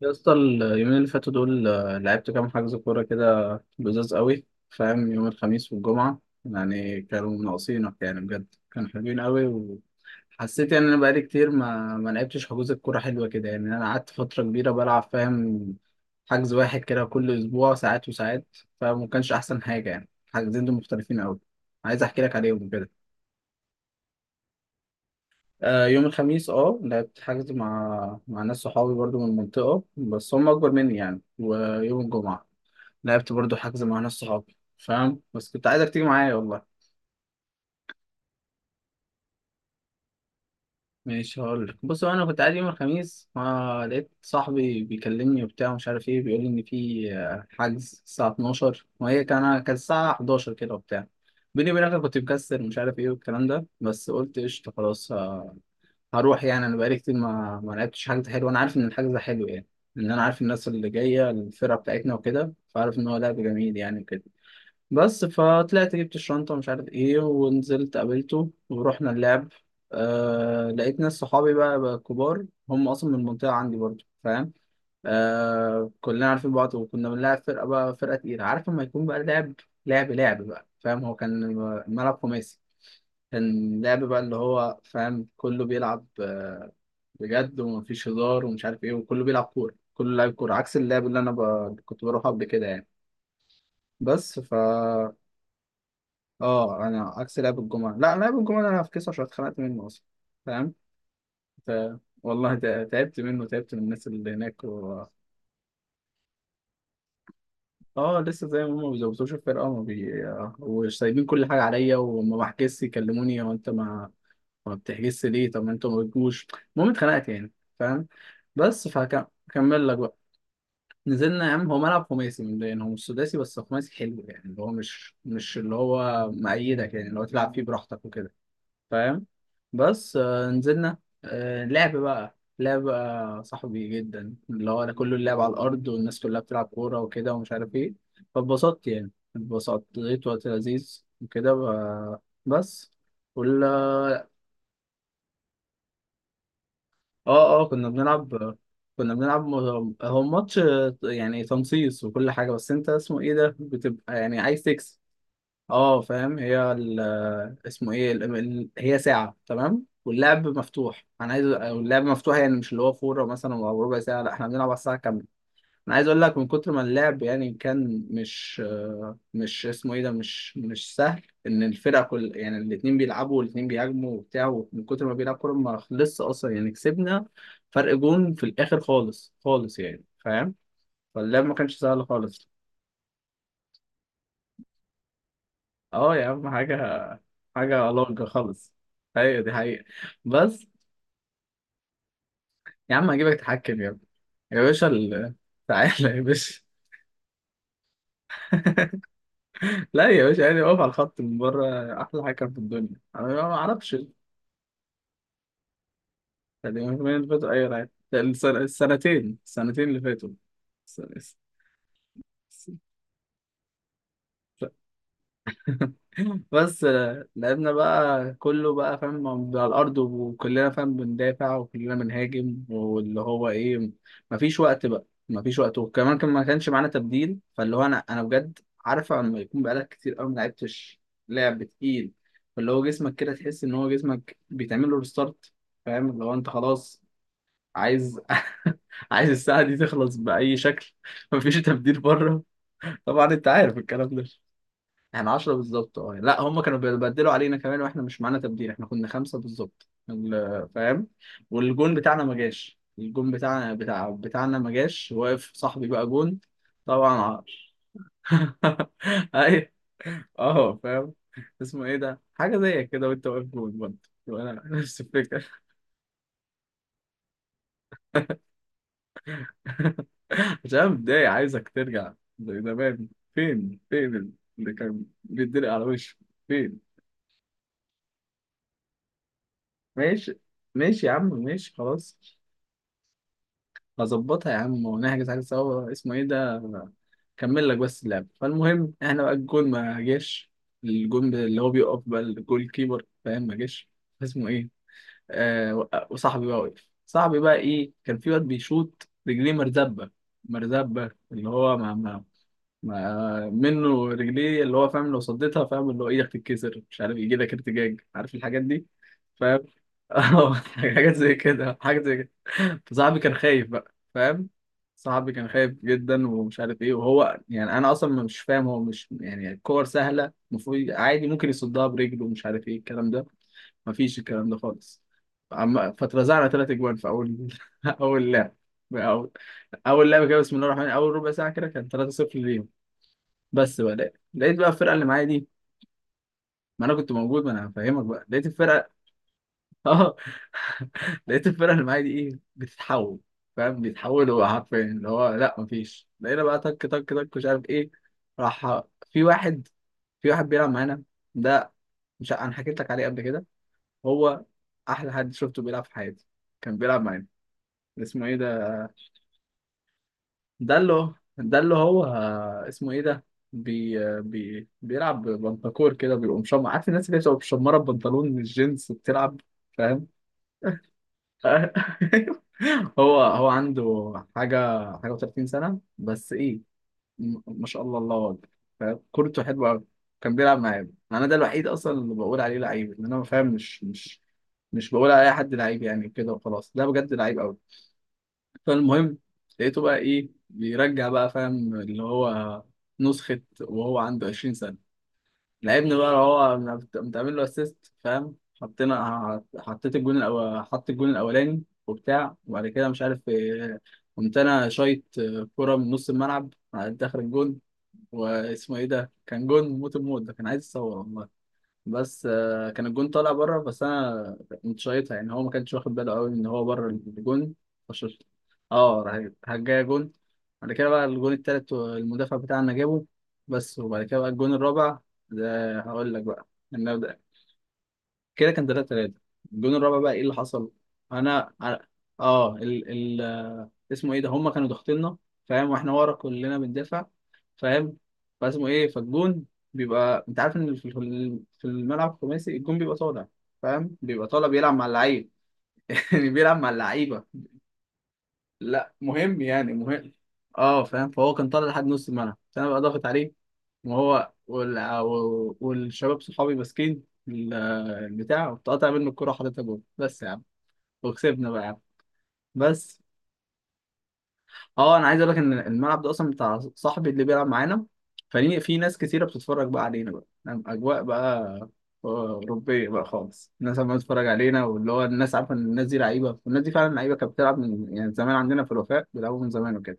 يا اسطى اليومين اللي فاتوا دول لعبت كام حجز كورة كده. لذاذ قوي، فاهم؟ يوم الخميس والجمعة، يعني كانوا ناقصينك، يعني بجد كانوا حلوين قوي. وحسيت يعني إن أنا بقالي كتير ما لعبتش حجوز الكورة حلوة كده. يعني أنا قعدت فترة كبيرة بلعب، فاهم؟ حجز واحد كده كل أسبوع، ساعات وساعات، فما كانش أحسن حاجة. يعني حجزين دول مختلفين قوي، عايز أحكي لك عليهم كده. يوم الخميس لعبت حجز مع ناس صحابي برضو من المنطقة، بس هم أكبر مني يعني. ويوم الجمعة لعبت برضو حجز مع ناس صحابي، فاهم؟ بس كنت عايزك تيجي معايا والله. ماشي، هقول لك. بص، هو انا كنت قاعد يوم الخميس، ما لقيت صاحبي بيكلمني وبتاع، مش عارف ايه، بيقول لي ان في حجز الساعه 12، وهي كانت الساعه 11 كده وبتاع. بيني وبينك أنا كنت مكسر، مش عارف ايه والكلام ده، بس قلت قشطه خلاص. هروح، يعني انا بقالي كتير ما لعبتش حجز حلو. انا عارف ان الحجز ده حلو يعني، ان انا عارف الناس اللي جايه، الفرقه بتاعتنا وكده، فعارف ان هو لعب جميل يعني وكده. بس فطلعت جبت الشنطة ومش عارف ايه، ونزلت قابلته ورحنا اللعب. آه، لقيت ناس صحابي بقى كبار، هم أصلا من المنطقة عندي برضه، فاهم؟ آه، كلنا عارفين بعض وكنا بنلعب فرقة بقى، فرقة تقيلة. عارف لما يكون بقى لعب، لعب بقى، فاهم؟ هو كان ملعب خماسي. كان لعب بقى، اللي هو فاهم، كله بيلعب بجد، ومفيش هزار ومش عارف ايه، وكله بيلعب كورة، كله لاعب كورة، عكس اللعب اللي انا كنت بروحه قبل كده يعني. بس ف اه انا عكس لعب الجمعه، لا، لعب الجمعه ده انا في كيس، عشان اتخنقت منه اصلا. فاهم؟ ف والله تعبت منه، تعبت من الناس اللي هناك و... اه لسه زي ما هم، ما بيظبطوش الفرقه، وما وسايبين كل حاجه عليا، وما بحجزش، يكلموني هو انت ما بتحجزش ليه؟ طب ما انتوا ما بتجوش. المهم اتخنقت يعني، فاهم؟ بس فهكمل لك بقى. نزلنا يا عم، هو ملعب خماسي، من يعني هو مش سداسي، بس خماسي حلو يعني، اللي هو مش اللي هو مأيدك، يعني اللي هو تلعب فيه براحتك وكده، فاهم؟ بس آه، نزلنا. آه، لعب بقى، لعب بقى صاحبي جدا، اللي هو انا كله، اللعب على الارض، والناس كلها بتلعب كوره وكده، ومش عارف ايه. فاتبسطت يعني، اتبسطت، لقيت وقت لذيذ وكده. بس ولا اه كنا بنلعب. كنا بنلعب هو ماتش يعني تنصيص وكل حاجه، بس انت اسمه ايه ده، بتبقى يعني عايز تكسب. اه فاهم؟ اسمه ايه، هي ساعة تمام واللعب مفتوح، انا عايز اللعب مفتوح، يعني مش اللي هو فورة مثلا او ربع ساعة، لا احنا بنلعب على الساعة كاملة. انا عايز اقول لك، من كتر ما اللعب يعني، كان مش اسمه ايه ده، مش سهل. ان الفرقة كل يعني الاتنين بيلعبوا والاتنين بيهاجموا وبتاع، ومن كتر ما بيلعب كورة ما خلصش اصلا. يعني كسبنا فرق جون في الاخر خالص خالص، يعني فاهم؟ فاللعب ما كانش سهل خالص. اه يا عم حاجة، حاجة علاقة خالص. ايوه دي حقيقة. بس يا عم هجيبك تحكم يا ابني. يا باشا ال... تعالى يا باشا. لا يا باشا، يعني واقف على الخط من بره، أحلى حكم في الدنيا، أنا ما أعرفش. يعني من اللي فاتوا أي لعيب؟ السنتين اللي فاتوا. الس- الس- بس لعبنا بقى، كله بقى فاهم على الأرض، وكلنا فاهم بندافع، وكلنا بنهاجم، واللي هو إيه، مفيش وقت بقى، مفيش وقت، وكمان كان ما كانش معانا تبديل. فاللي هو أنا بجد، عارفة لما يكون بقالك كتير قوي ما لعبتش لعب تقيل، فاللي هو جسمك كده تحس إن هو جسمك بيتعمل له ريستارت. فاهم؟ اللي هو أنت خلاص عايز، عايز الساعة دي تخلص بأي شكل. مفيش تبديل بره، طبعا أنت عارف الكلام ده. احنا 10 بالظبط، لا، هم كانوا بيبدلوا علينا كمان، واحنا مش معانا تبديل، احنا كنا خمسة بالظبط فاهم. والجون بتاعنا ما جاش، الجون بتاعنا، بتاعنا ما جاش، واقف صاحبي بقى جون. طبعا ايوه. اه فاهم، اسمه ايه ده، حاجة زي كده، وانت واقف جون برضه، وانا نفس الفكرة. عشان أنا متضايق، عايزك ترجع زي زمان. فين، فين اللي كان بيتدرق على وشه؟ فين؟ ماشي، ماشي يا عم ماشي خلاص. هظبطها يا عم ونحجز حاجة سوا، اسمه ايه ده. كمل لك بس اللعب. فالمهم احنا بقى، الجون ما جاش، الجون اللي هو بيقف بقى، الجول كيبر، فاهم؟ ما جاش. اسمه ايه، آه وصاحبي بقى وقف، صاحبي بقى ايه، كان في واد بيشوط رجليه مرزبة، مرزبة، اللي هو منه رجليه، اللي هو فاهم، لو صديتها فاهم اللي هو ايدك تتكسر، مش عارف يجي لك ارتجاج، عارف الحاجات دي فاهم. اه حاجات زي كده، حاجات زي كده. فصاحبي كان خايف بقى، فاهم؟ صاحبي كان خايف جدا ومش عارف ايه. وهو يعني انا اصلا مش فاهم، هو مش يعني الكور سهله، المفروض عادي ممكن يصدها برجله، ومش عارف ايه الكلام ده، مفيش الكلام ده خالص. فاترزعنا 3 اجوان في اول اول لعب، اول اول لعبه كده، بسم الله الرحمن الرحيم، اول ربع ساعه كده كان 3-0 ليهم. بس بقى، لقيت بقى الفرقه اللي معايا دي. ما انا كنت موجود، ما انا هفهمك بقى. لقيت الفرقه اه لقيت الفرقه اللي معايا دي ايه، بتتحول، فاهم؟ بيتحولوا حرفيا، اللي هو لا مفيش، لقينا بقى تك تك تك، مش عارف ايه. راح في واحد، في واحد بيلعب معانا، ده مش ع- انا حكيت لك عليه قبل كده، هو احلى حد شفته بيلعب في حياتي، كان بيلعب معانا. اسمه ايه ده، ده اللي هو ده اللي هو اسمه ايه ده، بيلعب بنطاكور كده، بيقوم مشمر، عارف الناس اللي بتبقى مشمره ببنطلون الجينز وبتلعب، فاهم؟ هو عنده حاجه، حاجه و30 سنه بس ايه، ما شاء الله، الله اكبر. فاهم؟ كورته حلوه قوي. كان بيلعب معايا انا، ده الوحيد اصلا اللي بقول عليه لعيب، ان انا فاهم، مش بقول على اي حد لعيب يعني كده وخلاص، ده بجد لعيب. فالمهم لقيته بقى ايه، بيرجع بقى فاهم، اللي هو نسخة وهو عنده 20 سنة. لعبني بقى هو، متعمل له اسيست، فاهم؟ حطينا، حطيت الجون الأول، حط الجون الأولاني وبتاع. وبعد كده مش عارف إيه، قمت أنا شايط كرة من نص الملعب على داخل الجون. واسمه ايه ده، كان جون موت، الموت ده، كان عايز يصور. بس آه، كان الجون طالع بره، بس انا كنت شايطها يعني، هو ما كانش واخد باله قوي ان هو بره الجون. فشوط، اه راح جايه جون. بعد كده بقى الجون التالت، المدافع بتاعنا جابه. بس، وبعد كده بقى الجون الرابع، ده هقول لك بقى، نبدأ. كده كان 3 3. الجون الرابع بقى ايه اللي حصل، انا أنا- اه ال... اسمه ايه ده، هم كانوا ضاغطيننا، فاهم؟ واحنا ورا كلنا بندافع، فاهم؟ فاسمه ايه، فالجون بيبقى، انت عارف ان في الملعب الخماسي الجون بيبقى طالع، فاهم؟ بيبقى طالع، بيلعب مع اللعيب. يعني بيلعب مع اللعيبه. لا مهم يعني، مهم. اه فاهم؟ فهو كان طالع لحد نص الملعب، فانا بقى ضاغط عليه، وهو والشباب صحابي ماسكين البتاع، وقطع منه الكوره وحاططها جول. بس يا عم، وكسبنا بقى يا عم. بس اه انا عايز اقول لك، ان الملعب ده اصلا بتاع صاحبي اللي بيلعب معانا، فليه في ناس كتيره بتتفرج بقى علينا بقى. نعم، اجواء بقى آه، اوروبيه بقى خالص، الناس عماله تتفرج علينا، واللي هو الناس عارفه ان الناس دي لعيبه، والناس دي فعلا لعيبه، كانت بتلعب من يعني زمان، عندنا في الوفاء بيلعبوا من زمان وكده.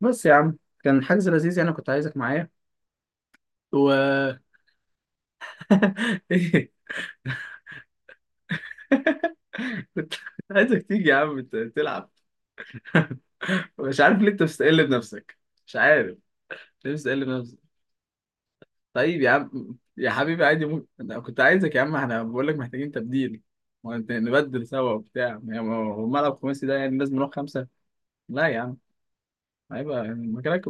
بس يا عم، كان حجز لذيذ يعني، كنت عايزك معايا. و إيه؟ كنت عايزك تيجي يا عم تلعب، مش عارف ليه انت بتستقل بنفسك، مش عارف ليه بتستقل بنفسك. طيب يا عم، يا حبيبي، عادي ممكن. أنا كنت عايزك يا عم، احنا بقول لك محتاجين تبديل، ما أنت نبدل سوا وبتاع، يعني ما هو ملعب خماسي ده يعني لازم نروح خمسة. لا يا عم، هيبقى يعني مكانك،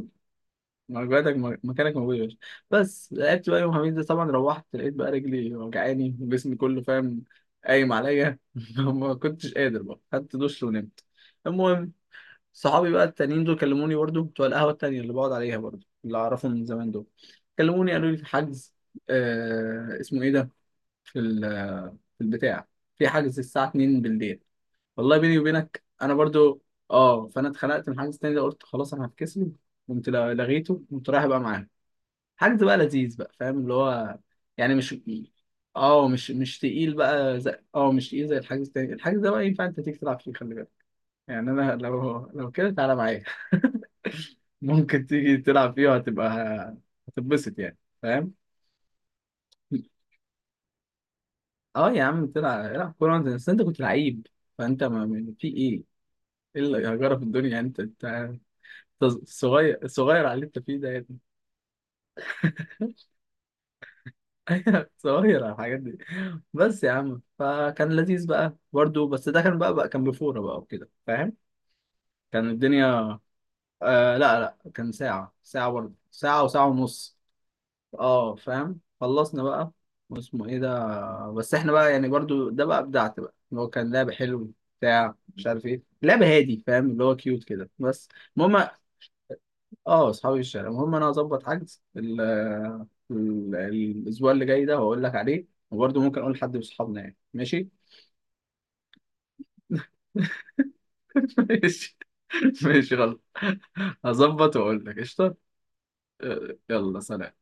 مكانك موجود يا باشا. بس لعبت بقى يوم الخميس ده، طبعا روحت لقيت بقى رجلي وجعاني وجسمي كله فاهم، قايم عليا. ما كنتش قادر بقى، خدت دش ونمت. المهم صحابي بقى التانيين دول كلموني برضو، بتوع القهوة التانية اللي بقعد عليها برضو، اللي أعرفهم من زمان دول، كلموني قالوا لي في حجز. آه اسمه إيه ده، في في البتاع، في حجز الساعة 2 بالليل. والله بيني وبينك أنا برضو، أه، فأنا اتخنقت من الحجز التاني ده، قلت خلاص أنا هفكسله. قمت لغيته، قمت رايح بقى معاهم. حجز بقى لذيذ بقى، فاهم؟ اللي هو يعني مش اه مش تقيل بقى زي، مش تقيل زي الحجز التاني. الحجز ده بقى ينفع انت تيجي تلعب فيه، خلي بالك، يعني انا لو، لو كده تعالى معايا، ممكن تيجي تلعب فيه، وهتبقى، هتتبسط يعني، فاهم؟ اه يا عم تلعب، العب كوره انت، بس انت كنت لعيب، فانت في ايه، ايه اللي هجرة في الدنيا يعني، انت انت أنت صغير، صغير على اللي انت فيه ده يعني. صغير على الحاجات دي. بس يا عم، فكان لذيذ بقى برضه، بس ده كان بقى كان بفوره بقى وكده، فاهم؟ كان الدنيا، آه لا لا، كان ساعه، ساعه برضه، ساعه وساعه ونص. اه فاهم؟ خلصنا بقى. واسمه ايه ده، بس احنا بقى يعني برضو، ده بقى ابدعت بقى، اللي هو كان لعب حلو، بتاع مش عارف ايه، لعب هادي فاهم، اللي هو كيوت كده بس. المهم اه اصحابي الشارع. المهم انا هظبط حجز الاسبوع اللي جاي ده، وهقول لك عليه، وبرضو ممكن اقول لحد من اصحابنا يعني، ماشي؟ ماشي، ماشي غلط. هظبط واقول لك قشطه. آه، يلا سلام.